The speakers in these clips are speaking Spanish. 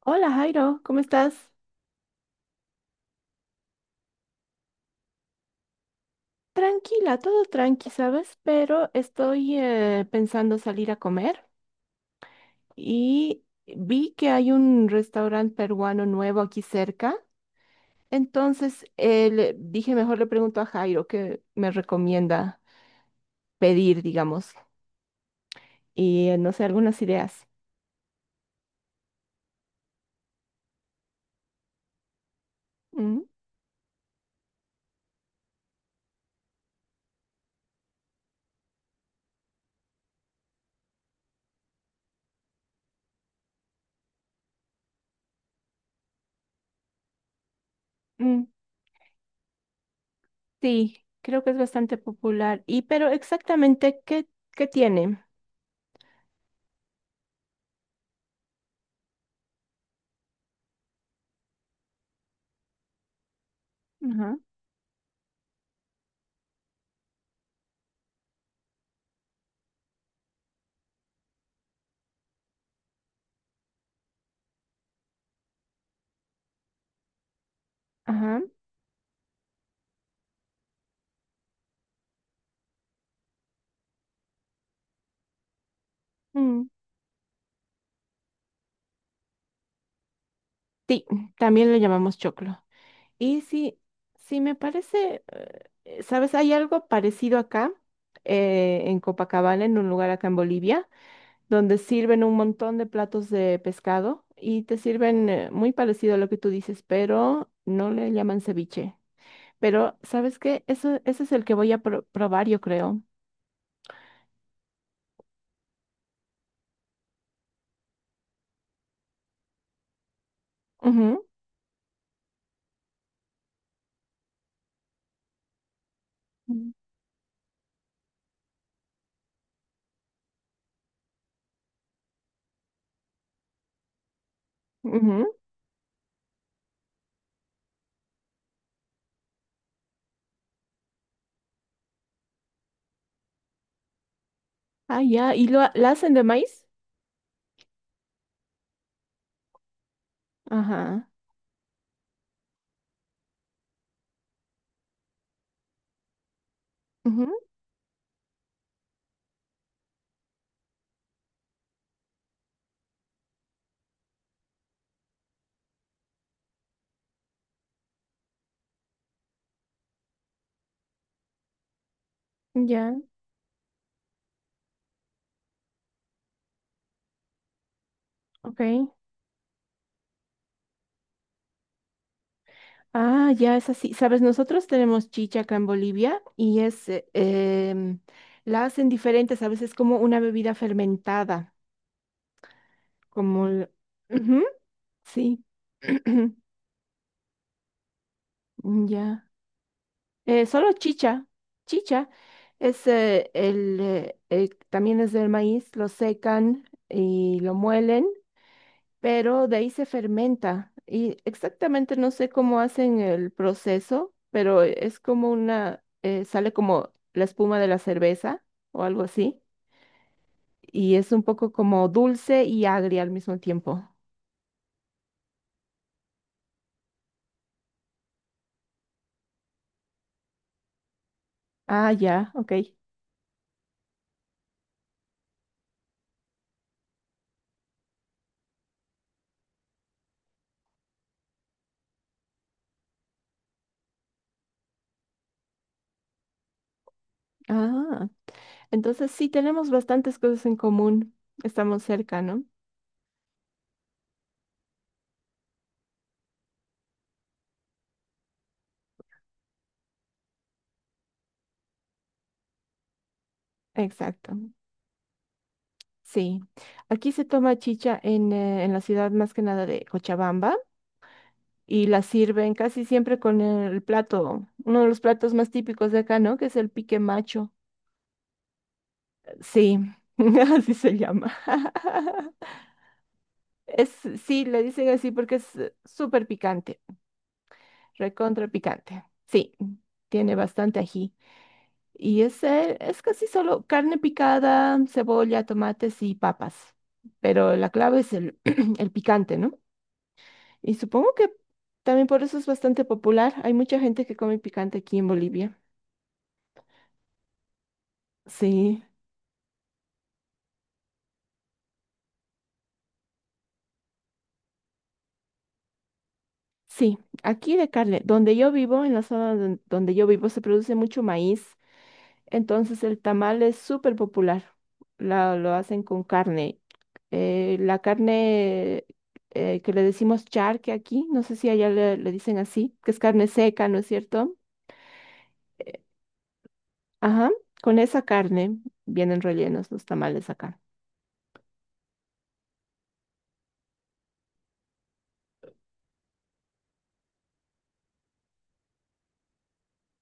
Hola Jairo, ¿cómo estás? Tranquila, todo tranqui, ¿sabes? Pero estoy pensando salir a comer y vi que hay un restaurante peruano nuevo aquí cerca. Entonces le dije, mejor le pregunto a Jairo qué me recomienda pedir, digamos, y no sé, algunas ideas. Mm, mm, sí, creo que es bastante popular. ¿Y pero exactamente qué tiene? Ajá, ajá. Mm. Sí, también le llamamos choclo. Y sí, sí me parece, ¿sabes? Hay algo parecido acá, en Copacabana, en un lugar acá en Bolivia, donde sirven un montón de platos de pescado y te sirven muy parecido a lo que tú dices, pero no le llaman ceviche. Pero, ¿sabes qué? Eso, ese es el que voy a probar, yo creo. Ujú, mm, ujú. Ah, ya. ¿Y la hacen de maíz? Ajá. Ujú. Ya, ok. Ah, ya es así. Sabes, nosotros tenemos chicha acá en Bolivia y es, la hacen diferentes, a veces como una bebida fermentada, como ujú, sí, ya. Solo chicha, chicha es también es del maíz, lo secan y lo muelen, pero de ahí se fermenta y exactamente no sé cómo hacen el proceso, pero es como una, sale como la espuma de la cerveza o algo así, y es un poco como dulce y agria al mismo tiempo. Ah, ya, ok. Ah, entonces sí tenemos bastantes cosas en común, estamos cerca, ¿no? Exacto. Sí, aquí se toma chicha en la ciudad más que nada de Cochabamba, y la sirven casi siempre con el plato, uno de los platos más típicos de acá, ¿no? Que es el pique macho. Sí, así se llama. Es, sí, le dicen así porque es súper picante, recontra picante. Sí, tiene bastante ají. Y es casi solo carne picada, cebolla, tomates y papas. Pero la clave es el, el picante, ¿no? Y supongo que también por eso es bastante popular. Hay mucha gente que come picante aquí en Bolivia. Sí. Sí, aquí de carne. Donde yo vivo, en la zona donde yo vivo, se produce mucho maíz, entonces el tamal es súper popular. Lo hacen con carne. La carne que le decimos charque aquí, no sé si allá le, le dicen así, que es carne seca, ¿no es cierto? Ajá, con esa carne vienen rellenos los tamales acá.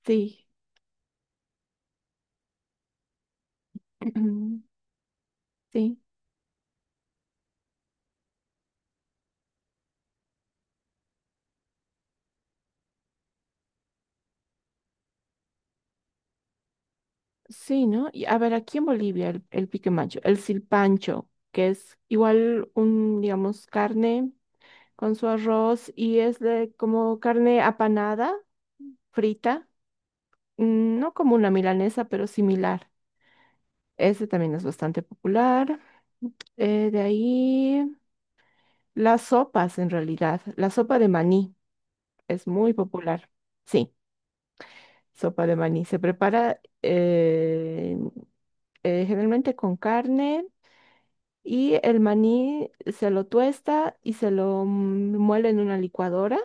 Sí, sí. Sí, ¿no? Y a ver, aquí en Bolivia el pique macho, el silpancho, que es igual un, digamos, carne con su arroz y es de como carne apanada, frita, mm, no como una milanesa, pero similar. Ese también es bastante popular. De ahí las sopas, en realidad. La sopa de maní es muy popular. Sí, sopa de maní. Se prepara generalmente con carne. Y el maní se lo tuesta y se lo mm, muele en una licuadora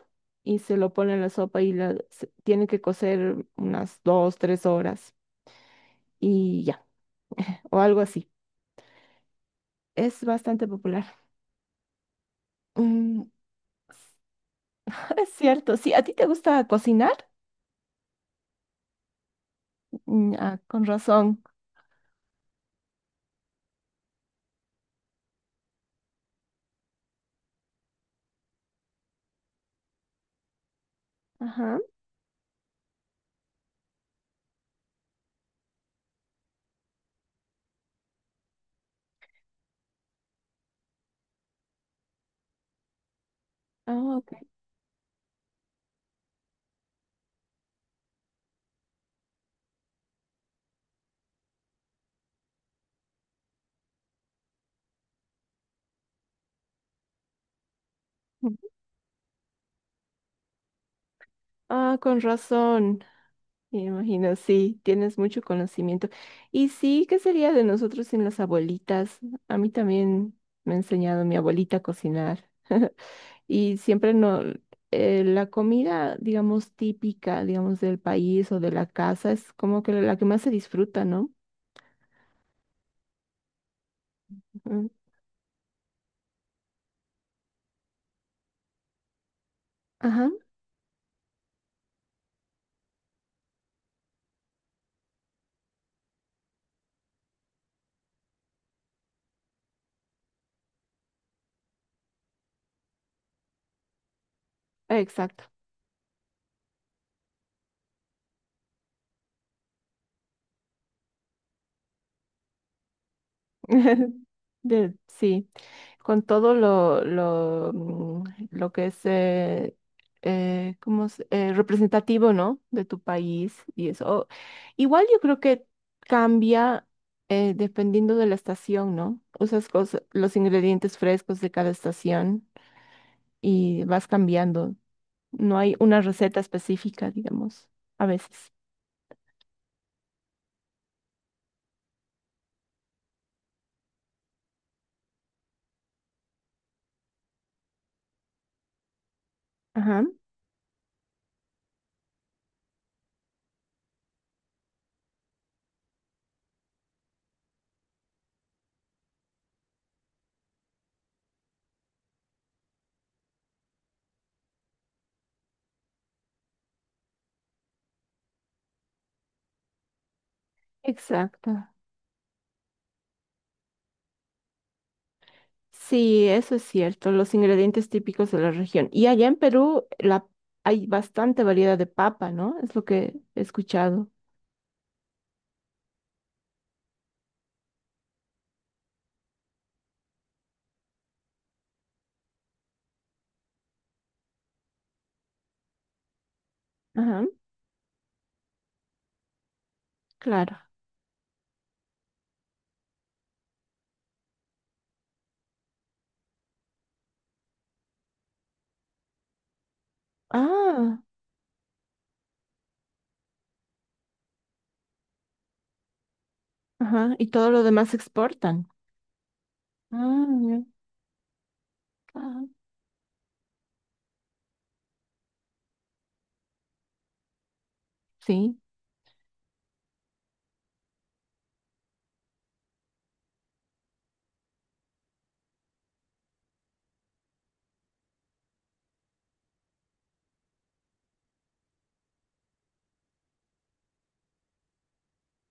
y se lo pone en la sopa y tiene que cocer unas dos, tres horas y ya, o algo así. Es bastante popular. Mm. Es cierto, sí, ¿a ti te gusta cocinar? Mm. Ah, con razón. Ajá. Ah, ok. Ah, con razón. Me imagino, sí, tienes mucho conocimiento. Y sí, ¿qué sería de nosotros sin las abuelitas? A mí también me ha enseñado mi abuelita a cocinar. Y siempre no, la comida, digamos, típica, digamos, del país o de la casa es como que la que más se disfruta, ¿no? Ujú. Ajá, exacto. De- sí. Con todo lo que es ¿cómo representativo, ¿no? De tu país y eso. Igual yo creo que cambia dependiendo de la estación, ¿no? Usas cosas, los ingredientes frescos de cada estación y vas cambiando. No hay una receta específica, digamos, a veces. Ajá, exacto. Sí, eso es cierto, los ingredientes típicos de la región. Y allá en Perú la, hay bastante variedad de papa, ¿no? Es lo que he escuchado. Ajá, claro. Ah, ajá, y todo lo demás exportan. Ah, ya, ajá, sí,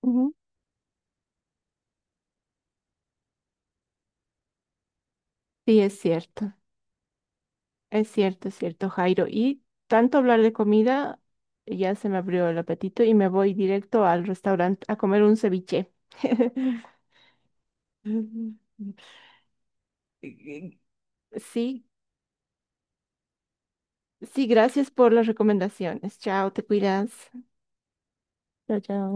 ujú. Sí, es cierto, es cierto, es cierto, Jairo. Y tanto hablar de comida, ya se me abrió el apetito y me voy directo al restaurante a comer un ceviche. Sí, sí, gracias por las recomendaciones. Chao, te cuidas. Chao, chao.